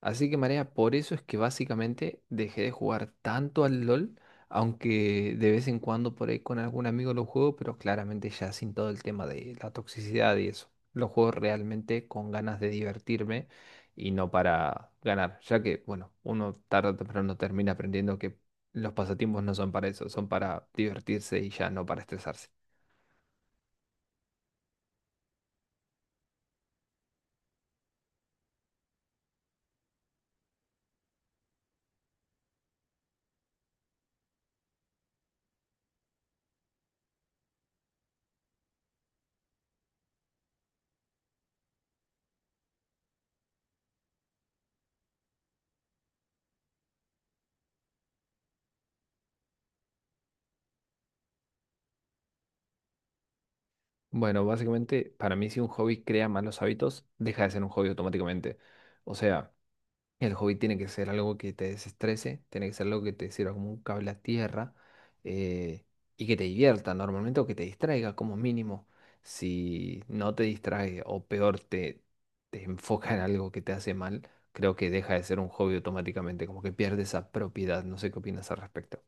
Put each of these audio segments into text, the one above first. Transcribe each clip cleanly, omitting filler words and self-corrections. Así que Marea, por eso es que básicamente dejé de jugar tanto al LOL, aunque de vez en cuando por ahí con algún amigo lo juego, pero claramente ya sin todo el tema de la toxicidad y eso. Lo juego realmente con ganas de divertirme y no para ganar, ya que, bueno, uno tarde o temprano termina aprendiendo que los pasatiempos no son para eso, son para divertirse y ya no para estresarse. Bueno, básicamente para mí si un hobby crea malos hábitos, deja de ser un hobby automáticamente. O sea... El hobby tiene que ser algo que te desestrese, tiene que ser algo que te sirva como un cable a tierra, eh, y que te divierta normalmente o que te distraiga como mínimo. Si no te distrae o peor te enfoca en algo que te hace mal, creo que deja de ser un hobby automáticamente, como que pierde esa propiedad. No sé qué opinas al respecto.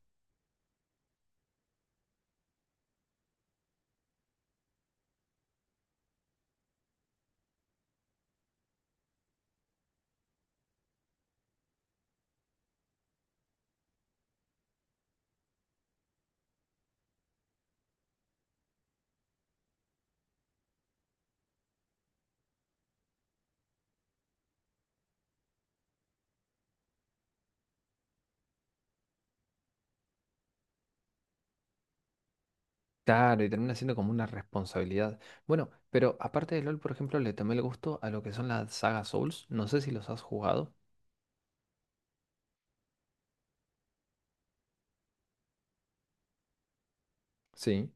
Claro, y termina siendo como una responsabilidad. Bueno, pero aparte de LOL, por ejemplo, le tomé el gusto a lo que son las sagas Souls. No sé si los has jugado. Sí.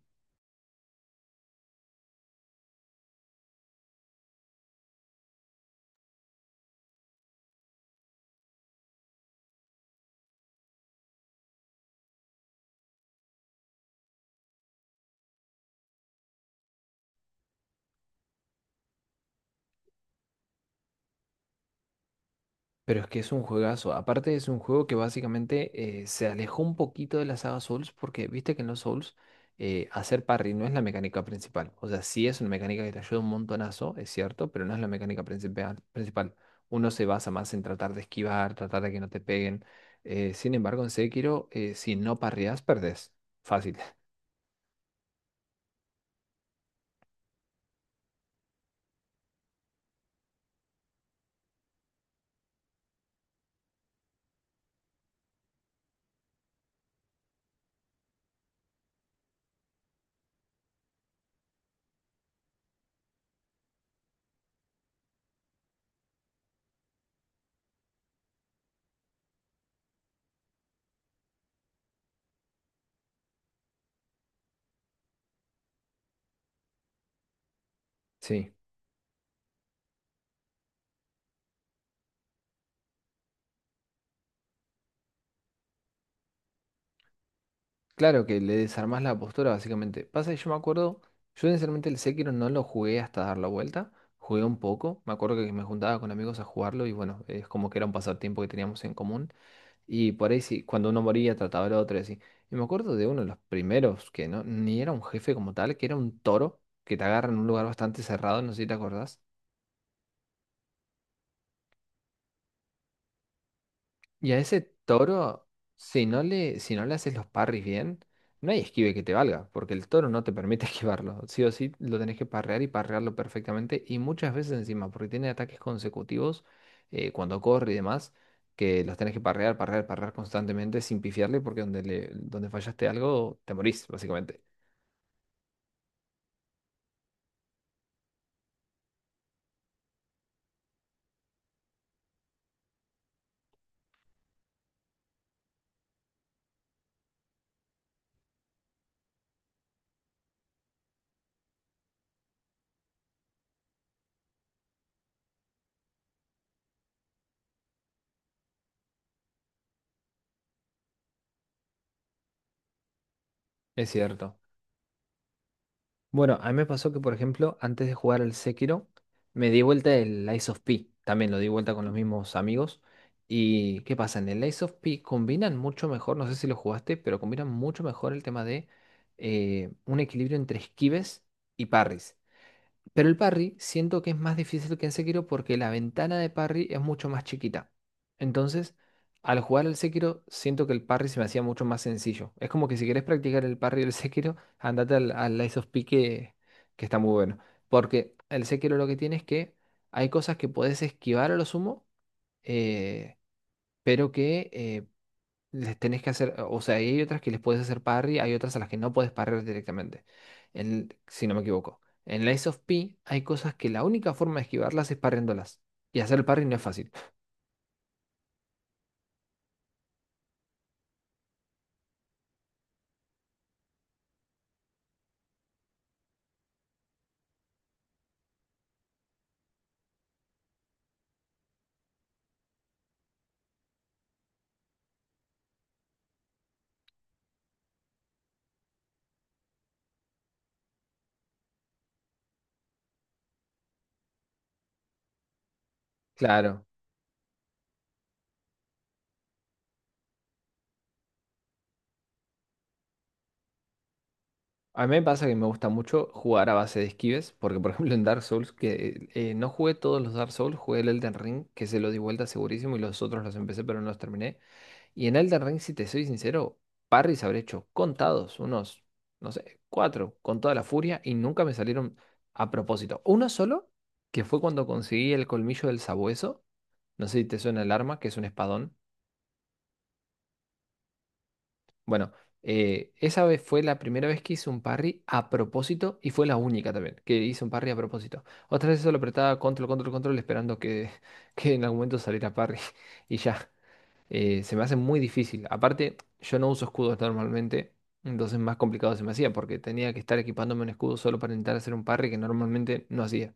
Pero es que es un juegazo. Aparte es un juego que básicamente se alejó un poquito de la saga Souls porque viste que en los Souls hacer parry no es la mecánica principal. O sea, sí es una mecánica que te ayuda un montonazo, es cierto, pero no es la mecánica principal. Uno se basa más en tratar de esquivar, tratar de que no te peguen. Sin embargo, en Sekiro, si no parreas, perdés. Fácil. Sí. Claro que le desarmás la postura, básicamente. Pasa que yo me acuerdo, yo sinceramente el Sekiro no lo jugué hasta dar la vuelta, jugué un poco, me acuerdo que me juntaba con amigos a jugarlo y bueno, es como que era un pasatiempo que teníamos en común y por ahí sí, cuando uno moría trataba al otro y así. Y me acuerdo de uno de los primeros, que no, ni era un jefe como tal, que era un toro que te agarra en un lugar bastante cerrado, no sé si te acordás. Y a ese toro, si no si no le haces los parries bien, no hay esquive que te valga, porque el toro no te permite esquivarlo. Sí o sí lo tenés que parrear y parrearlo perfectamente, y muchas veces encima, porque tiene ataques consecutivos cuando corre y demás, que los tenés que parrear constantemente sin pifiarle, porque donde fallaste algo, te morís, básicamente. Es cierto. Bueno, a mí me pasó que, por ejemplo, antes de jugar al Sekiro, me di vuelta el Lies of P. También lo di vuelta con los mismos amigos. ¿Y qué pasa? En el Lies of P combinan mucho mejor, no sé si lo jugaste, pero combinan mucho mejor el tema de un equilibrio entre esquives y parries. Pero el parry siento que es más difícil que en Sekiro porque la ventana de parry es mucho más chiquita. Entonces, al jugar al Sekiro, siento que el parry se me hacía mucho más sencillo. Es como que si querés practicar el parry del Sekiro, andate al Lies of P que está muy bueno. Porque el Sekiro lo que tiene es que hay cosas que podés esquivar a lo sumo, eh, pero que les tenés que hacer, o sea, hay otras que les puedes hacer parry, hay otras a las que no puedes parrear directamente, si no me equivoco. En la of P hay cosas que la única forma de esquivarlas es parriándolas. Y hacer el parry no es fácil. Claro. A mí me pasa que me gusta mucho jugar a base de esquives, porque por ejemplo en Dark Souls, que no jugué todos los Dark Souls, jugué el Elden Ring, que se lo di vuelta segurísimo y los otros los empecé pero no los terminé. Y en Elden Ring, si te soy sincero, parries habré hecho contados, unos, no sé, cuatro, con toda la furia, y nunca me salieron a propósito. Uno solo, que fue cuando conseguí el colmillo del sabueso. No sé si te suena el arma, que es un espadón. Bueno, esa vez fue la primera vez que hice un parry a propósito y fue la única también que hice un parry a propósito. Otras veces solo apretaba control esperando que, que en algún momento saliera parry y ya. Se me hace muy difícil. Aparte, yo no uso escudos normalmente, entonces más complicado se me hacía porque tenía que estar equipándome un escudo solo para intentar hacer un parry que normalmente no hacía.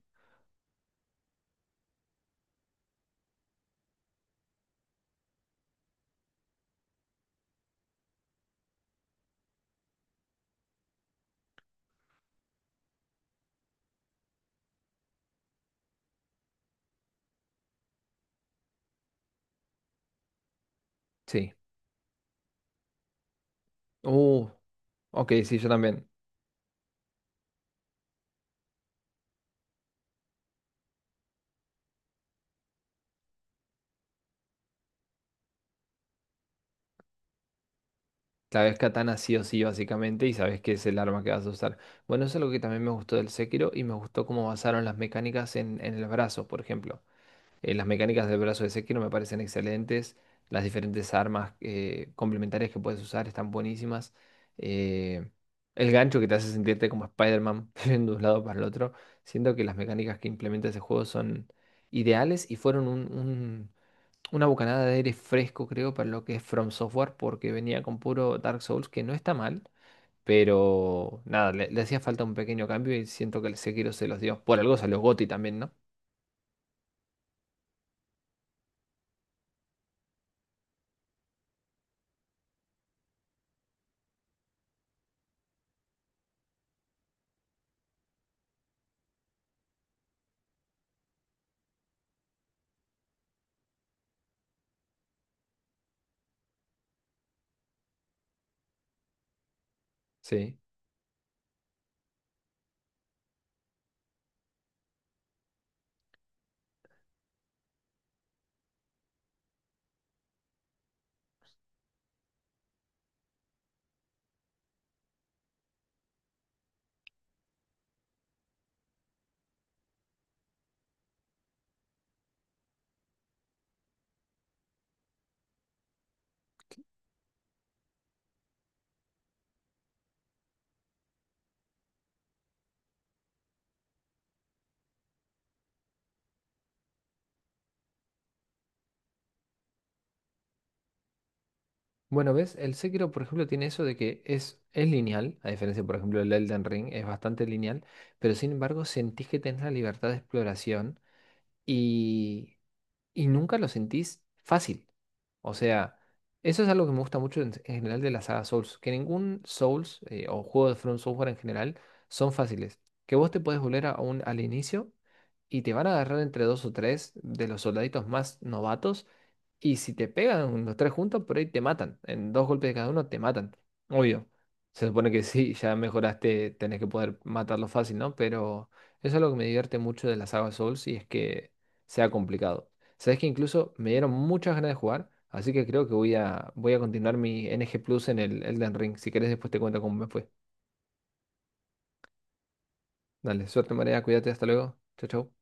Sí. Uh, ok, sí, yo también. Sabes katana sí o sí, básicamente, y sabes que es el arma que vas a usar. Bueno, eso es algo que también me gustó del Sekiro y me gustó cómo basaron las mecánicas en el brazo, por ejemplo. Las mecánicas del brazo de Sekiro me parecen excelentes. Las diferentes armas complementarias que puedes usar están buenísimas. Eh, el gancho que te hace sentirte como Spider-Man yendo de un lado para el otro. Siento que las mecánicas que implementa ese juego son ideales y fueron una bocanada de aire fresco, creo, para lo que es From Software, porque venía con puro Dark Souls, que no está mal. Pero nada, le hacía falta un pequeño cambio y siento que el Sekiro se los dio. Por algo salió GOTY también, ¿no? Sí. Bueno, ¿ves? El Sekiro, por ejemplo, tiene eso de que es lineal, a diferencia, por ejemplo, del Elden Ring, es bastante lineal, pero sin embargo sentís que tenés la libertad de exploración y y nunca lo sentís fácil. O sea, eso es algo que me gusta mucho en general de la saga Souls, que ningún Souls o juego de From Software en general son fáciles. Que vos te podés volver a un, al inicio y te van a agarrar entre dos o tres de los soldaditos más novatos y si te pegan los tres juntos, por ahí te matan. En dos golpes de cada uno te matan. Obvio. Se supone que sí, ya mejoraste, tenés que poder matarlo fácil, ¿no? Pero eso es lo que me divierte mucho de la saga Souls y es que sea complicado. Sabes que incluso me dieron muchas ganas de jugar, así que creo que voy a continuar mi NG Plus en el Elden Ring. Si querés, después te cuento cómo me fue. Dale, suerte, María, cuídate, hasta luego. Chau, chau.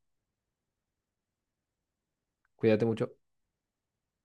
Cuídate mucho.